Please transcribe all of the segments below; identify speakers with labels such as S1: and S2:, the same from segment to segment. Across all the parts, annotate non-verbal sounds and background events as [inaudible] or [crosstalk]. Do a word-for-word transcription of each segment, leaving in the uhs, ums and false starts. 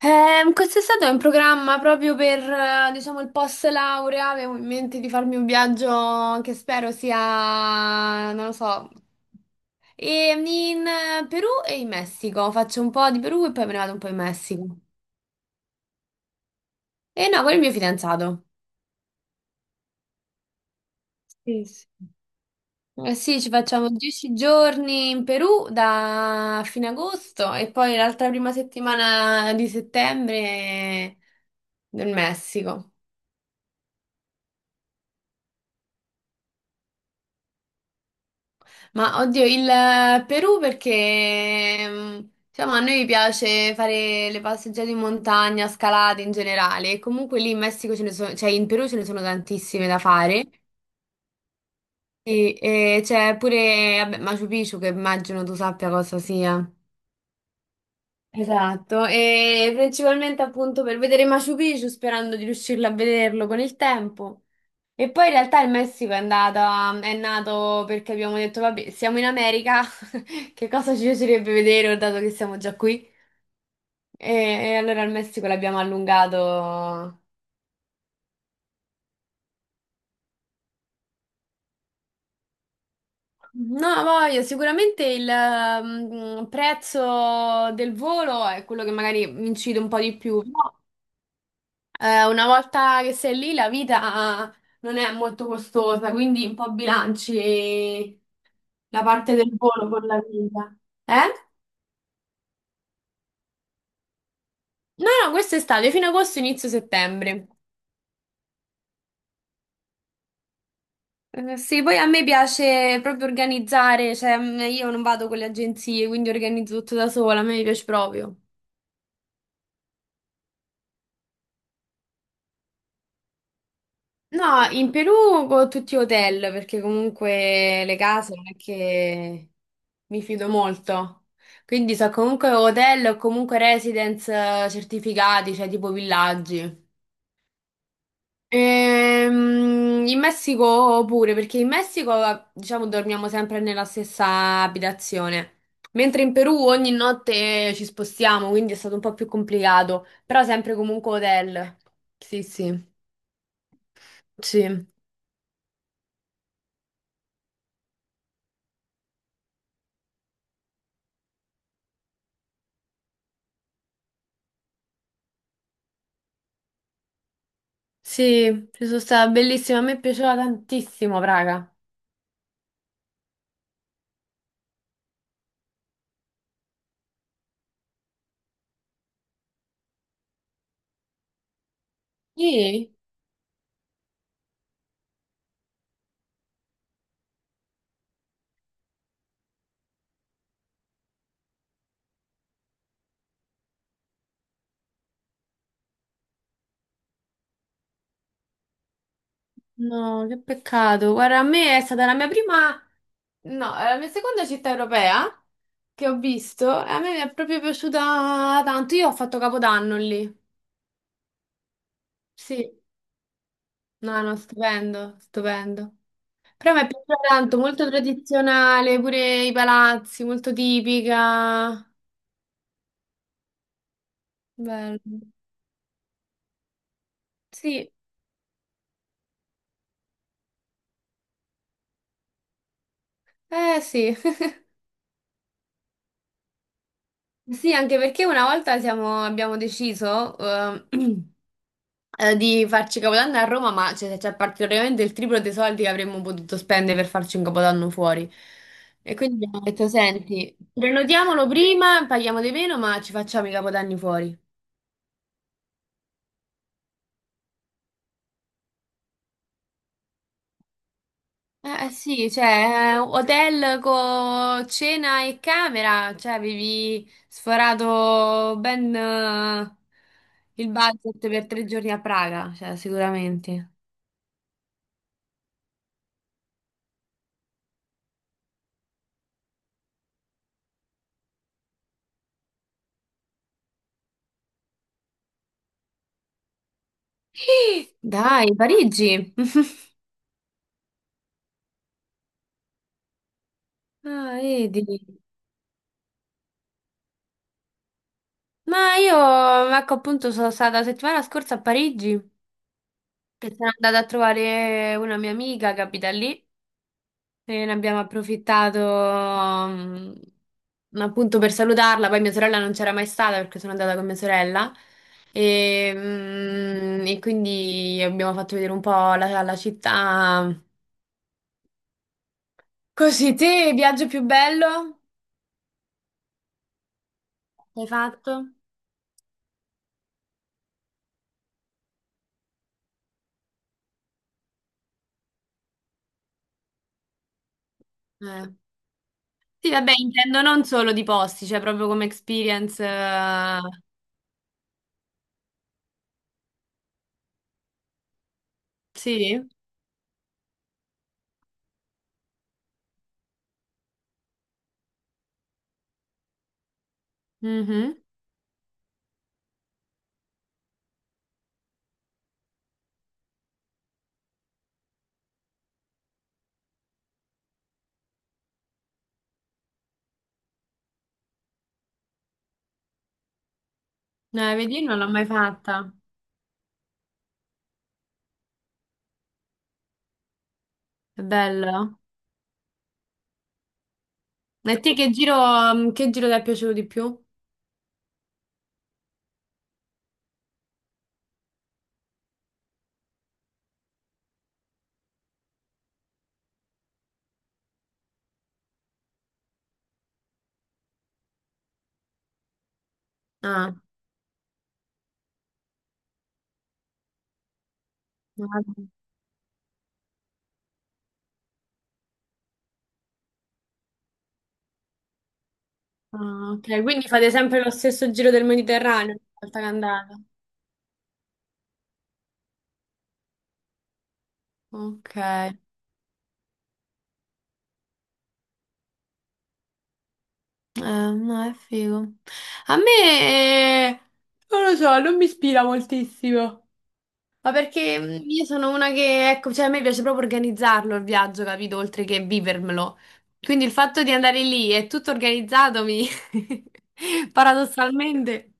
S1: Ehm, quest'estate ho in programma proprio per, eh, diciamo, il post laurea, avevo in mente di farmi un viaggio che spero sia, non lo so, e- in eh, Perù e in Messico. Faccio un po' di Perù e poi me ne vado un po' in Messico. E no, con il mio fidanzato. Sì, sì. Eh sì, ci facciamo dieci giorni in Perù da fine agosto e poi l'altra prima settimana di settembre nel Messico. Ma oddio, il eh, Perù perché mm, diciamo, a noi piace fare le passeggiate in montagna, scalate in generale. E comunque lì in Messico ce ne sono, cioè in Perù ce ne sono tantissime da fare. E, e c'è pure vabbè, Machu Picchu, che immagino tu sappia cosa sia. Esatto, e principalmente appunto per vedere Machu Picchu, sperando di riuscirlo a vederlo con il tempo. E poi in realtà il Messico è andata, è nato perché abbiamo detto, vabbè, siamo in America, [laughs] che cosa ci piacerebbe vedere, oh, dato che siamo già qui? E, e allora il Messico l'abbiamo allungato. No, voglio, sicuramente il mm, prezzo del volo è quello che magari incide un po' di più. Eh, una volta che sei lì, la vita non è molto costosa, quindi un po' bilanci la parte del volo con la vita. Eh? No, no, questo è estate, fino agosto, inizio settembre. Eh, Sì, poi a me piace proprio organizzare, cioè mm, io non vado con le agenzie, quindi organizzo tutto da sola, a me mi piace proprio. No, in Perù con tutti hotel, perché comunque le case non è che mi fido molto. Quindi so comunque hotel o comunque residence eh, certificati, cioè tipo villaggi. Ehm, in Messico pure, perché in Messico diciamo dormiamo sempre nella stessa abitazione. Mentre in Perù ogni notte ci spostiamo, quindi è stato un po' più complicato, però sempre comunque hotel. Sì, sì, sì. Sì, ci sono stata, bellissima, a me piaceva tantissimo, raga. Sì? No, che peccato. Guarda, a me è stata la mia prima, no, la mia seconda città europea che ho visto e a me mi è proprio piaciuta tanto. Io ho fatto Capodanno lì. Sì, no, no, stupendo, stupendo. Però mi è piaciuta tanto, molto tradizionale, pure i palazzi, molto tipica. Bello. Sì, eh sì. [laughs] Sì, anche perché una volta siamo- abbiamo deciso eh, [clears throat] eh, di farci Capodanno a Roma, ma c'è c'è praticamente il triplo dei soldi che avremmo potuto spendere per farci un Capodanno fuori. E quindi abbiamo detto, senti, prenotiamolo prima, paghiamo di meno, ma ci facciamo i Capodanni fuori. Eh eh, sì, cioè, eh, hotel con cena e camera, cioè avevi sforato ben eh, il budget per tre giorni a Praga, cioè sicuramente. Dai, Parigi. [laughs] Ah, vedi. Ma io, ecco, appunto, sono stata la settimana scorsa a Parigi, che sono andata a trovare una mia amica che abita lì e ne abbiamo approfittato, mm, appunto, per salutarla. Poi mia sorella non c'era mai stata, perché sono andata con mia sorella. E, mm, e quindi abbiamo fatto vedere un po' la, la città. Così, te, viaggio più bello che hai fatto? Eh. Sì, vabbè, intendo non solo di posti, cioè proprio come experience. Eh, sì. Mhm. Eh, vedi, non l'ho mai fatta. È bello. E te che giro, che giro ti è piaciuto di più? Ah, guarda. Ah, ok, quindi fate sempre lo stesso giro del Mediterraneo una volta che andate. Ok, eh, no, è figo. A me, eh, non lo so, non mi ispira moltissimo. Ma perché mh, io sono una che, ecco, cioè a me piace proprio organizzarlo il viaggio, capito? Oltre che vivermelo. Quindi il fatto di andare lì e tutto organizzato mi... [laughs] paradossalmente...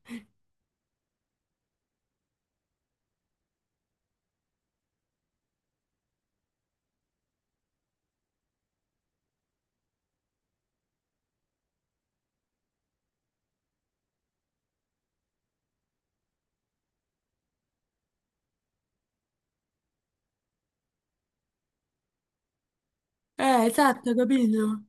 S1: Eh, esatto, capito?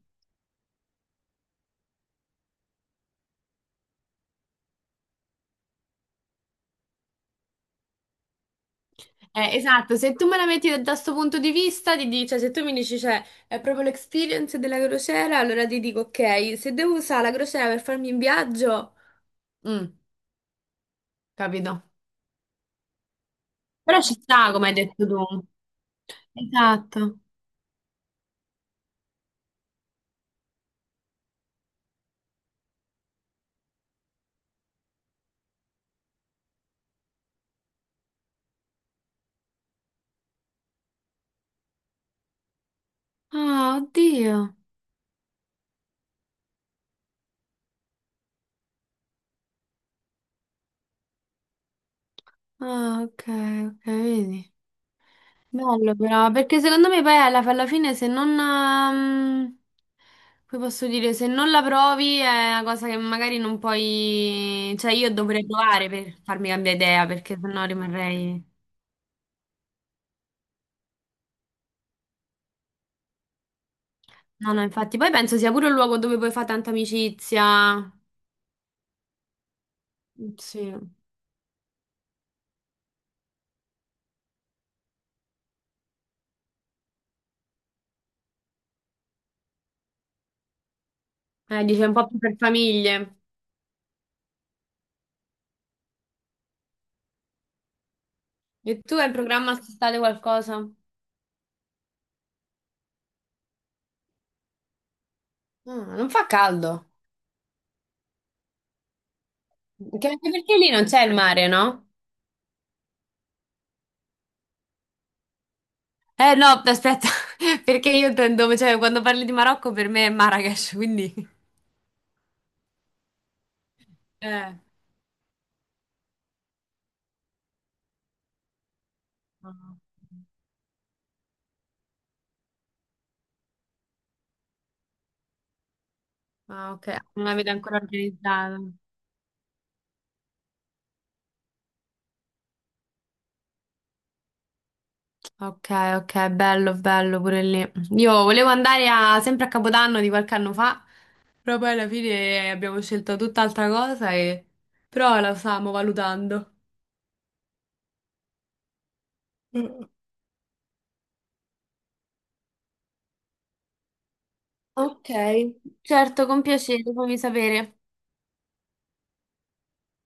S1: Eh, esatto, se tu me la metti da, da sto punto di vista, ti dici, cioè, se tu mi dici, cioè, è proprio l'experience della crociera, allora ti dico, ok, se devo usare la crociera per farmi un viaggio, mm, capito? Però ci sta, come hai detto tu. Esatto. Ah, oddio. Ah, ok, ok, vedi. Bello però, perché secondo me poi alla, alla fine se non... ehm, come posso dire, se non la provi è una cosa che magari non puoi... Cioè io dovrei provare per farmi cambiare idea, perché sennò rimarrei... No, no, infatti. Poi penso sia pure un luogo dove puoi fare tanta amicizia. Sì. Eh, dice un po' più per famiglie. E tu hai in programma quest'estate qualcosa? Ah, non fa caldo. Anche perché lì non c'è il mare, no? Eh no, aspetta, [laughs] perché io intendo, cioè quando parli di Marocco per me è Marrakesh, quindi... Eh. Ah, ok, non l'avete ancora organizzato. Ok, ok, bello, bello pure lì. Io volevo andare a- Sempre a Capodanno di qualche anno fa, però poi alla fine abbiamo scelto tutt'altra cosa e... Però la stiamo valutando. Mm. Ok, certo, con piacere, fammi sapere.